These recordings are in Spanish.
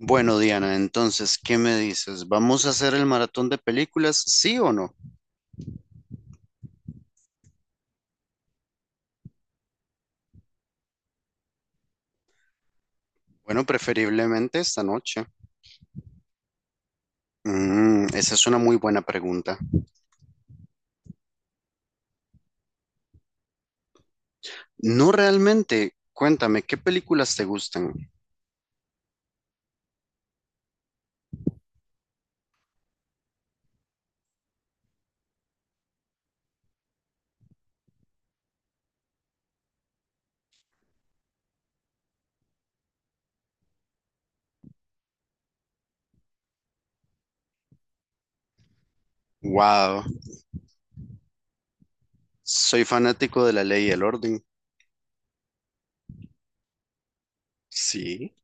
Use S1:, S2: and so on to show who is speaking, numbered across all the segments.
S1: Bueno, Diana, entonces, ¿qué me dices? ¿Vamos a hacer el maratón de películas? ¿Sí o no? Bueno, preferiblemente esta noche. Mm, esa es una muy buena pregunta. No realmente. Cuéntame, ¿qué películas te gustan? Wow, soy fanático de La Ley y el Orden. Sí.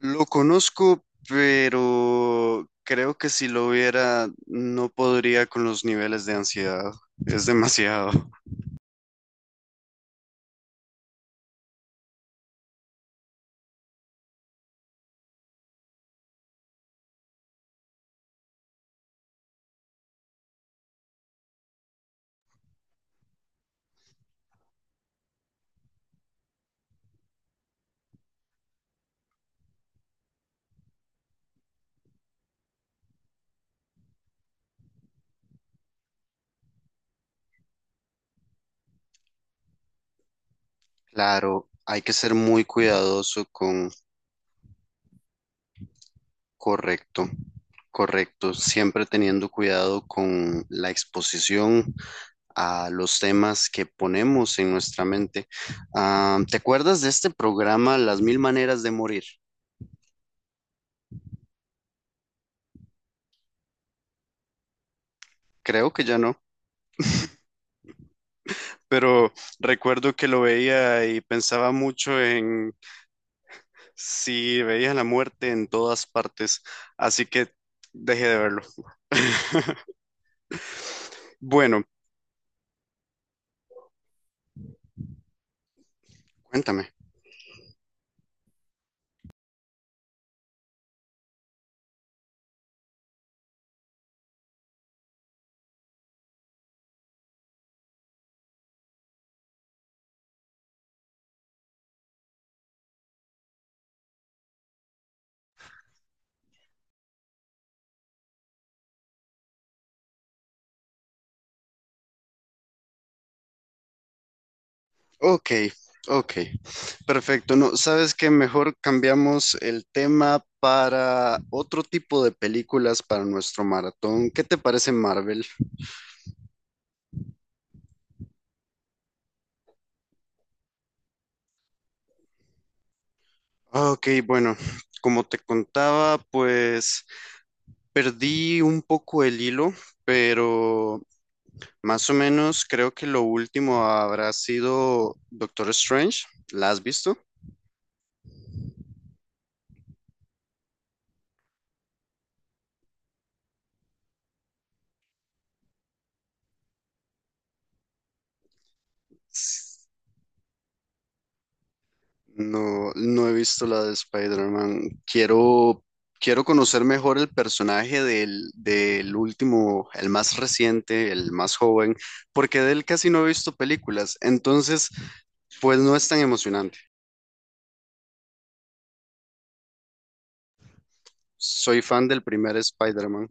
S1: Lo conozco, pero creo que si lo viera no podría con los niveles de ansiedad. Es demasiado. Claro, hay que ser muy cuidadoso. Correcto, correcto. Siempre teniendo cuidado con la exposición a los temas que ponemos en nuestra mente. Ah, ¿te acuerdas de este programa Las Mil Maneras de Morir? Creo que ya no, pero recuerdo que lo veía y pensaba mucho en si veía la muerte en todas partes, así que dejé de verlo. Bueno, cuéntame. Ok, ok, perfecto. No, sabes que mejor cambiamos el tema para otro tipo de películas para nuestro maratón. ¿Qué te parece Marvel? Ok, bueno, como te contaba, pues perdí un poco el hilo, pero más o menos creo que lo último habrá sido Doctor Strange. ¿La has visto? No, no he visto la de Spider-Man. Quiero conocer mejor el personaje del último, el más reciente, el más joven, porque de él. Casi no he visto películas. Entonces, pues no es tan emocionante. Soy fan del primer Spider-Man.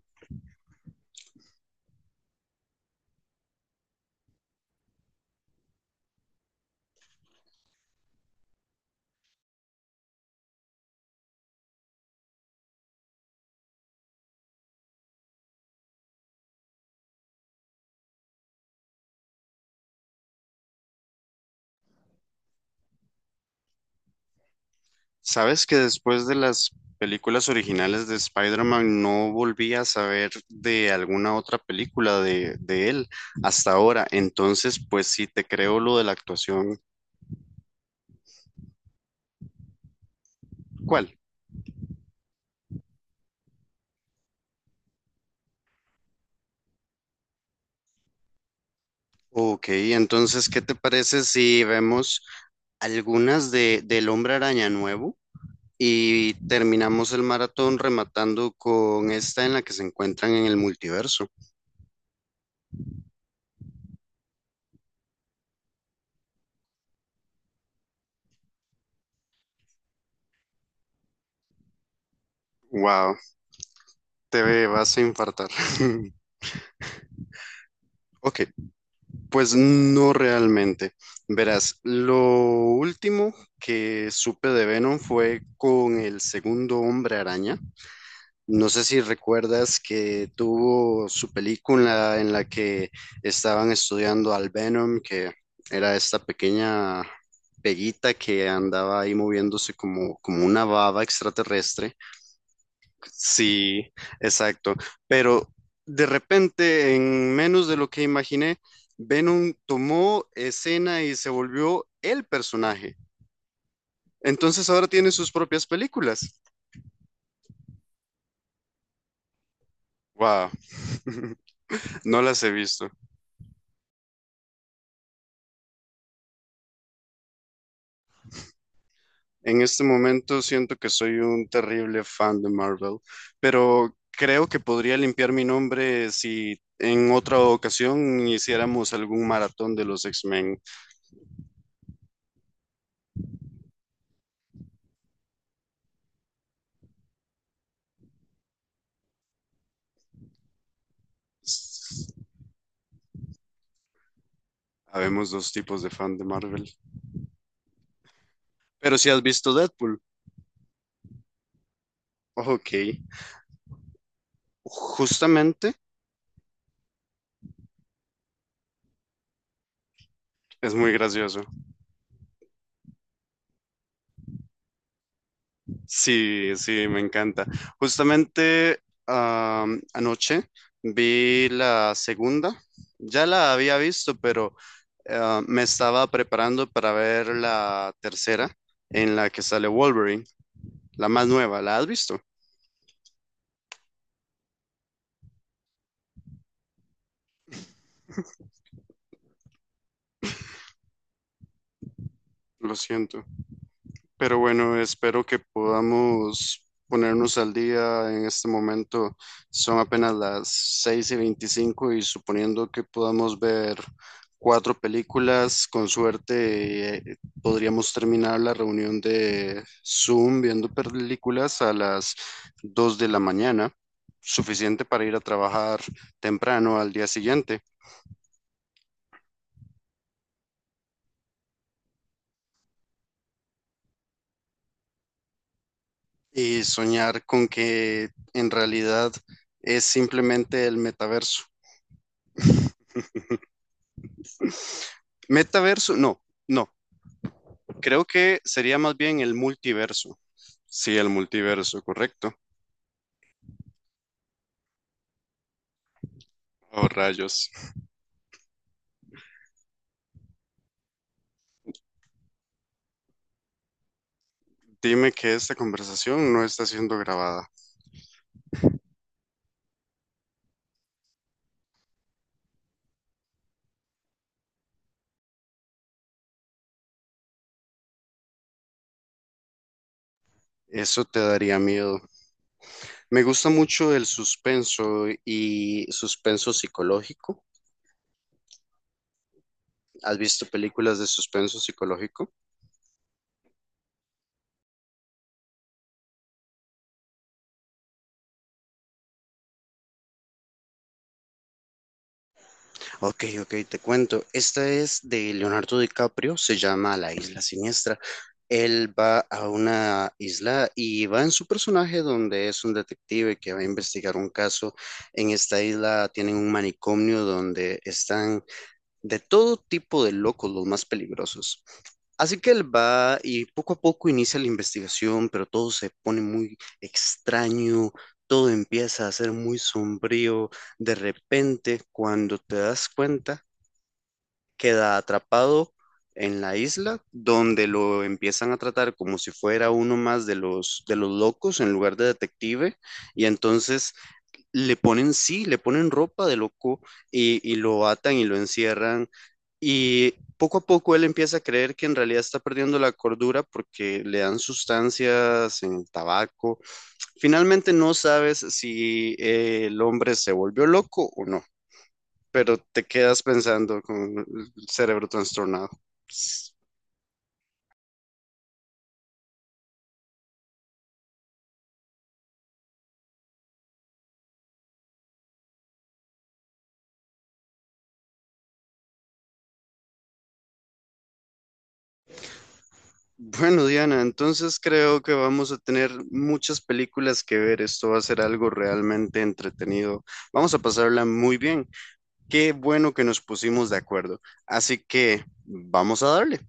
S1: ¿Sabes que después de las películas originales de Spider-Man no volví a saber de alguna otra película de él hasta ahora? Entonces, pues sí, te creo lo de la actuación. ¿Cuál? Ok, entonces, ¿qué te parece si vemos algunas de del Hombre Araña nuevo y terminamos el maratón rematando con esta en la que se encuentran en el multiverso? Wow, te vas a infartar. Ok, pues no realmente. Verás, lo último que supe de Venom fue con el segundo Hombre Araña. No sé si recuerdas que tuvo su película en la que estaban estudiando al Venom, que era esta pequeña peguita que andaba ahí moviéndose como una baba extraterrestre. Sí, exacto. Pero de repente, en menos de lo que imaginé, Venom tomó escena y se volvió el personaje. Entonces ahora tiene sus propias películas. Wow, no las he visto. En este momento siento que soy un terrible fan de Marvel, pero creo que podría limpiar mi nombre si en otra ocasión hiciéramos algún maratón de los X-Men. Habemos dos tipos de fan de Marvel. Pero si has visto Deadpool, ok, justamente es muy gracioso. Sí, sí, me encanta. Justamente anoche vi la segunda, ya la había visto, pero me estaba preparando para ver la tercera en la que sale Wolverine, la más nueva. ¿La has visto? Lo siento. Pero bueno, espero que podamos ponernos al día en este momento. Son apenas las 6:25 y suponiendo que podamos ver cuatro películas, con suerte podríamos terminar la reunión de Zoom viendo películas a las 2 de la mañana, suficiente para ir a trabajar temprano al día siguiente y soñar con que en realidad es simplemente el metaverso. Metaverso, no, no. Creo que sería más bien el multiverso. Sí, el multiverso, correcto. Oh, rayos. Dime que esta conversación no está siendo grabada. Eso te daría miedo. Me gusta mucho el suspenso y suspenso psicológico. ¿Has visto películas de suspenso psicológico? Ok, ok, te cuento. Esta es de Leonardo DiCaprio, se llama La Isla Siniestra. Él va a una isla y va en su personaje donde es un detective que va a investigar un caso. En esta isla tienen un manicomio donde están de todo tipo de locos, los más peligrosos. Así que él va y poco a poco inicia la investigación, pero todo se pone muy extraño. Todo empieza a ser muy sombrío. De repente, cuando te das cuenta, queda atrapado en la isla, donde lo empiezan a tratar como si fuera uno más de de los locos en lugar de detective, y entonces le ponen, sí, le ponen ropa de loco y lo atan y lo encierran, y poco a poco él empieza a creer que en realidad está perdiendo la cordura porque le dan sustancias en el tabaco. Finalmente no sabes si el hombre se volvió loco o no, pero te quedas pensando con el cerebro trastornado. Bueno, Diana, entonces creo que vamos a tener muchas películas que ver. Esto va a ser algo realmente entretenido. Vamos a pasarla muy bien. Qué bueno que nos pusimos de acuerdo. Así que vamos a darle.